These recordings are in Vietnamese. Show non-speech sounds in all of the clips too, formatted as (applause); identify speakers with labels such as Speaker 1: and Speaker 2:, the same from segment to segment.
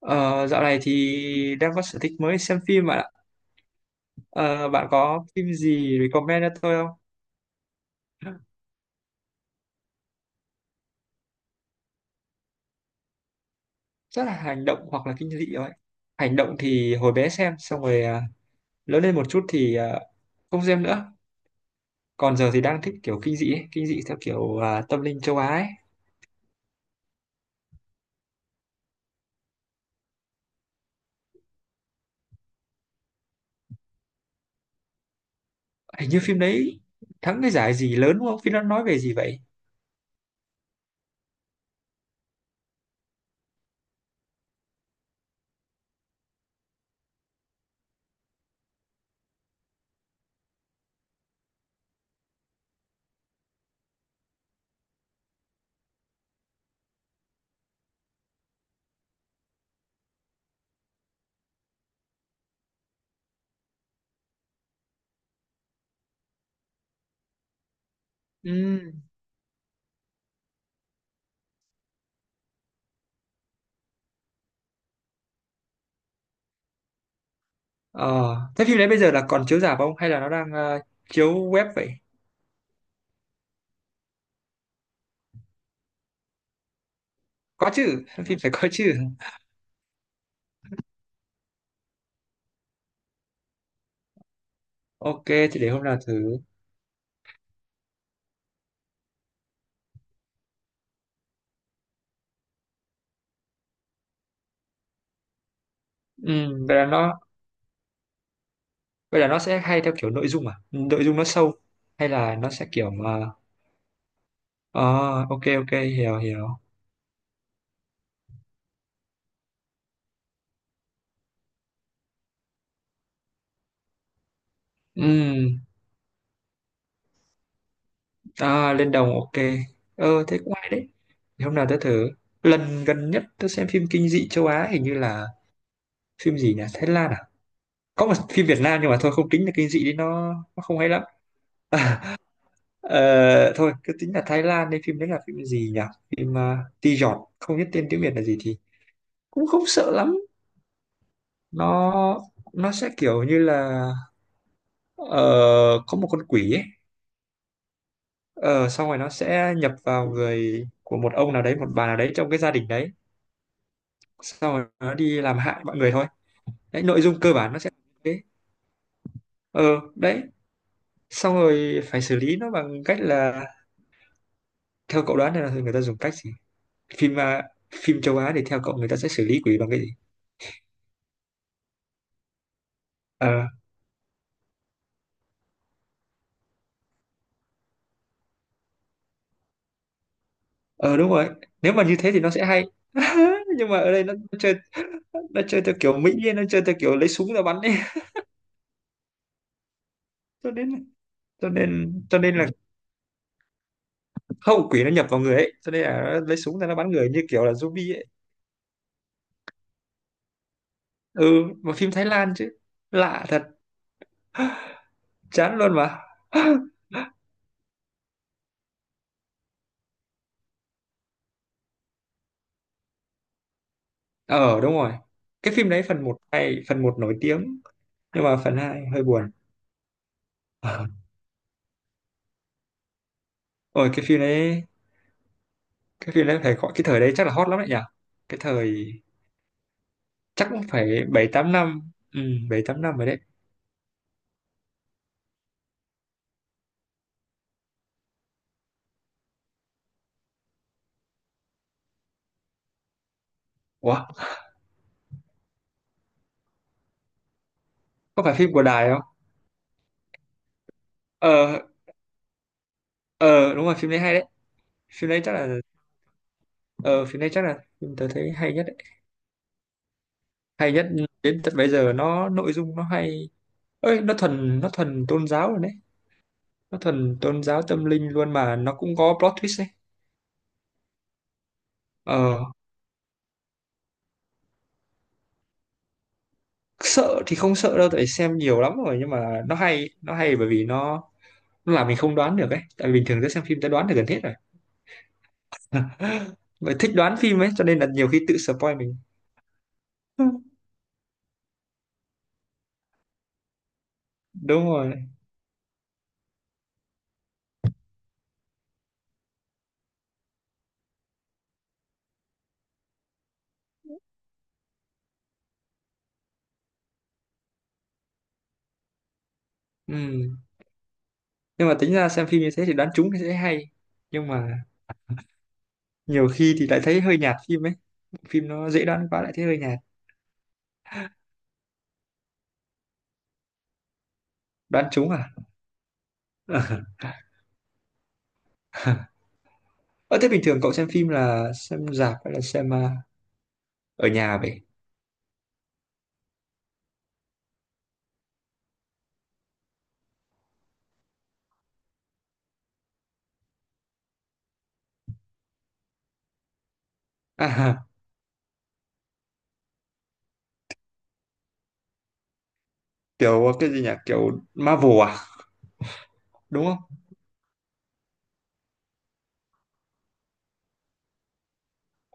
Speaker 1: Ờ, dạo này thì đang có sở thích mới xem phim bạn ạ. Ờ, bạn có phim gì recommend cho tôi không? Rất là hành động hoặc là kinh dị thôi. Hành động thì hồi bé xem, xong rồi à, lớn lên một chút thì à, không xem nữa. Còn giờ thì đang thích kiểu kinh dị ấy. Kinh dị theo kiểu à, tâm linh châu Á ấy. Hình như phim đấy thắng cái giải gì lớn đúng không? Phim nó nói về gì vậy? Ừ. Ờ, thế phim đấy bây giờ là còn chiếu rạp không? Hay là nó đang à, chiếu web vậy? Có chứ, phim phải có chứ. Ok, thì để hôm nào thử. Ừ, vậy là nó vậy là nó sẽ hay theo kiểu nội dung à? Ừ, nội dung nó sâu hay là nó sẽ kiểu mà ờ, ok ok hiểu hiểu. Ừ, à, lên đồng ok. Ờ thế cũng hay đấy. Thì hôm nào tớ thử, lần gần nhất tớ xem phim kinh dị châu Á hình như là phim gì nhỉ, Thái Lan à. Có một phim Việt Nam nhưng mà thôi không tính là kinh dị đi, nó không hay lắm. (laughs) Ờ, thôi cứ tính là Thái Lan đi, phim đấy là phim gì nhỉ? Phim Ti Giọt không biết tên tiếng Việt là gì thì cũng không sợ lắm. Nó nó sẽ kiểu như là ờ, có một con quỷ ấy. Ờ, xong rồi nó sẽ nhập vào người của một ông nào đấy, một bà nào đấy trong cái gia đình đấy, xong rồi nó đi làm hại mọi người thôi. Đấy, nội dung cơ bản nó sẽ thế. Ờ đấy, xong rồi phải xử lý nó bằng cách là, theo cậu đoán này, là người ta dùng cách gì? Phim à, phim châu Á thì theo cậu người ta sẽ xử lý quỷ bằng cái gì? Ờ, ờ đúng rồi. Nếu mà như thế thì nó sẽ hay. (laughs) Nhưng mà ở đây nó chơi theo kiểu Mỹ ấy, nó chơi theo kiểu lấy súng ra bắn ấy, cho nên là, cho nên cho nên là hậu quỷ nó nhập vào người ấy, cho nên là nó lấy súng ra nó bắn người như kiểu là zombie ấy. Ừ, mà phim Thái Lan chứ, lạ thật, chán luôn mà. (laughs) (gasps) Ờ đúng rồi, cái phim đấy phần một hay, phần một nổi tiếng, nhưng mà phần hai hơi buồn. Ờ. Ôi cái phim đấy phải gọi, cái thời đấy chắc là hot lắm đấy nhỉ. Cái thời, chắc cũng phải bảy tám năm. Ừ, bảy tám năm rồi đấy. Ủa, có phải phim của Đài không? Ờ, ờ đúng rồi, phim đấy hay đấy. Phim đấy chắc là phim tớ thấy hay nhất đấy, hay nhất đến tận bây giờ. Nó nội dung nó hay, ơi, nó thuần tôn giáo rồi đấy, nó thuần tôn giáo tâm linh luôn, mà nó cũng có plot twist đấy. Ờ, sợ thì không sợ đâu, tại xem nhiều lắm rồi, nhưng mà nó hay, nó hay bởi vì nó làm mình không đoán được ấy, tại vì bình thường cứ xem phim ta đoán được gần hết rồi. (laughs) Bởi thích đoán phim ấy cho nên là nhiều khi tự spoil mình. (laughs) Đúng rồi. Ừ. Nhưng mà tính ra xem phim như thế thì đoán trúng thì sẽ hay, nhưng mà nhiều khi thì lại thấy hơi nhạt phim ấy, phim nó dễ đoán quá lại thấy hơi nhạt. Đoán trúng à? (laughs) Ờ, thế bình thường cậu xem phim là xem rạp hay là xem à, ở nhà vậy? À, ha, kiểu cái gì nhỉ? Kiểu Marvel à? Đúng không?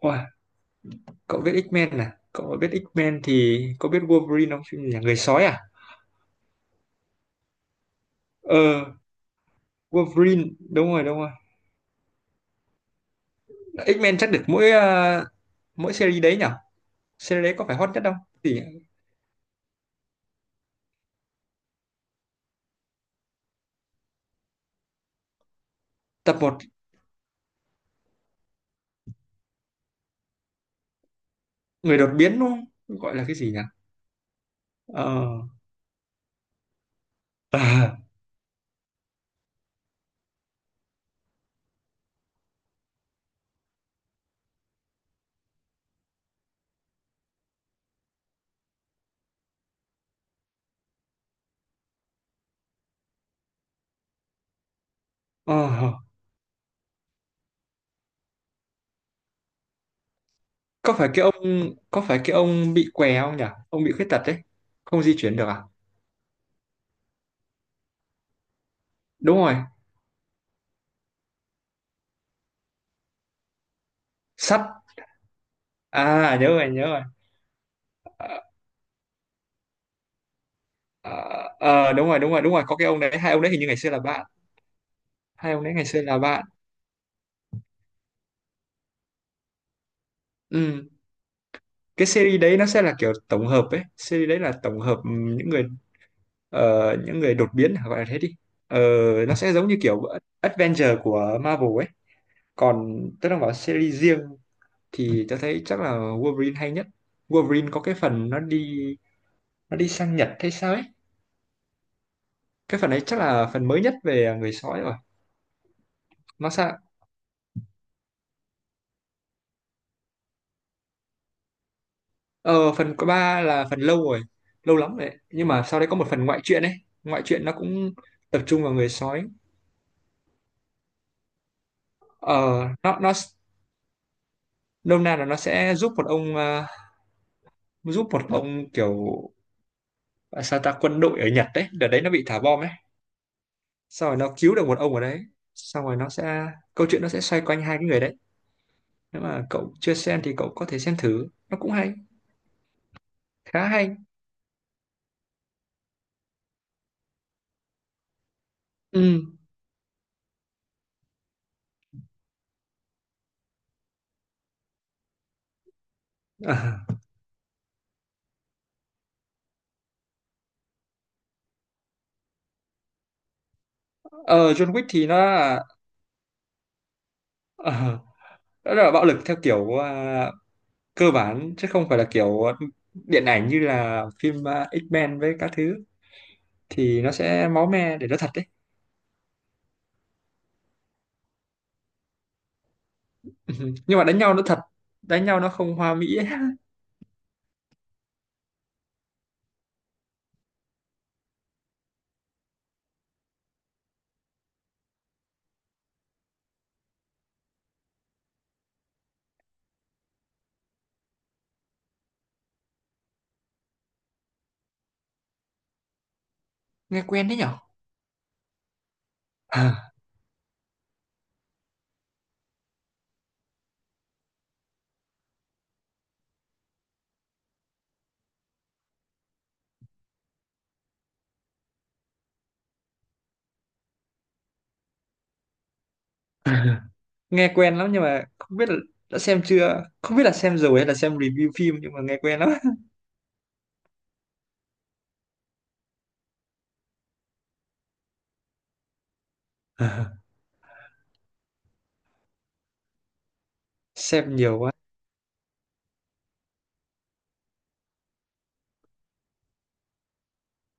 Speaker 1: Wow, cậu biết X-Men à? Cậu biết X-Men thì có biết Wolverine không? Phim gì nhỉ? Người sói à? Ờ, Wolverine, đúng rồi, đúng rồi. X-Men chắc được mỗi à, mỗi series đấy nhỉ? Series đấy có phải hot nhất không? Thì tập một, người đột biến đúng không? Gọi là cái gì nhỉ? Ờ, (laughs) à, ờ, có phải cái ông bị què không nhỉ, ông bị khuyết tật đấy, không di chuyển được à? Đúng rồi, sắt. À nhớ rồi, nhớ rồi. Ờ, ờ, ờ, đúng rồi, đúng rồi, đúng rồi, có cái ông đấy, hai ông đấy hình như ngày xưa là bạn, hai ông đấy ngày xưa là bạn. Ừ. Cái series đấy nó sẽ là kiểu tổng hợp ấy, series đấy là tổng hợp ừ, những người ờ, những người đột biến gọi là thế đi. Ờ, nó sẽ giống như kiểu Adventure của Marvel ấy, còn tớ đang bảo series riêng thì tớ thấy chắc là Wolverine hay nhất. Wolverine có cái phần nó đi sang Nhật hay sao ấy, cái phần ấy chắc là phần mới nhất về người sói rồi. Nó sao? Ờ phần, có ba là phần lâu rồi, lâu lắm rồi đấy. Nhưng mà sau đấy có một phần ngoại truyện ấy, ngoại truyện nó cũng tập trung vào người sói. Ờ, nó nôm na là nó sẽ giúp một ông ờ, giúp một ông kiểu à, sao ta quân đội ở Nhật đấy, đợt đấy nó bị thả bom ấy, sau rồi nó cứu được một ông ở đấy, xong rồi nó sẽ, câu chuyện nó sẽ xoay quanh hai cái người đấy. Nếu mà cậu chưa xem thì cậu có thể xem thử, nó cũng hay, khá hay. Ừ. (laughs) Ờ, John Wick thì ờ, nó là bạo lực theo kiểu à, cơ bản chứ không phải là kiểu điện ảnh như là phim à, X-Men với các thứ, thì nó sẽ máu me để nó thật đấy. (laughs) Ừ, nhưng mà đánh nhau nó thật, đánh nhau nó không hoa mỹ ấy. (laughs) Nghe quen đấy nhở? À, à, (laughs) nghe quen lắm nhưng mà không biết là đã xem chưa, không biết là xem rồi hay là xem review phim nhưng mà nghe quen lắm. (laughs) À, xem nhiều quá.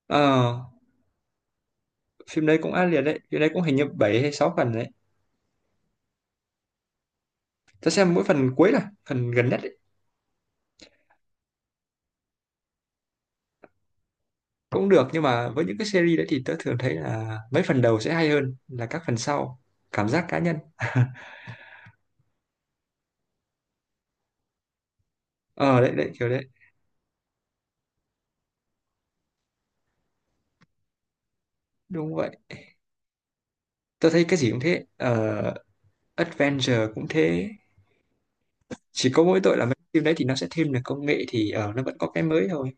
Speaker 1: Ờ, phim đấy cũng ác liệt đấy, phim đấy cũng hình như 7 hay 6 phần đấy. Tớ xem mỗi phần cuối là phần gần nhất, cũng được, nhưng mà với những cái series đấy thì tớ thường thấy là mấy phần đầu sẽ hay hơn là các phần sau, cảm giác cá nhân. Ờ đấy đấy, kiểu đấy, đúng vậy. Tớ thấy cái gì cũng thế ờ, Adventure cũng thế, chỉ có mỗi tội là mấy phim đấy thì nó sẽ thêm được công nghệ thì ờ, nó vẫn có cái mới thôi.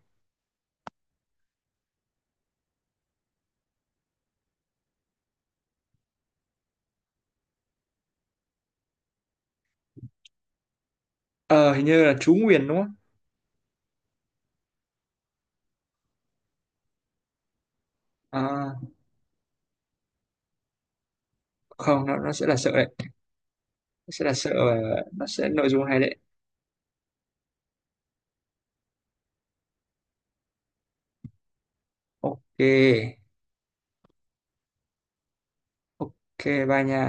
Speaker 1: Ờ hình như là chú Nguyền đúng không? À, không, nó sẽ là sợ đấy, sẽ là sợ và nó sẽ nội dung hay đấy. Ok. Ok bye nha.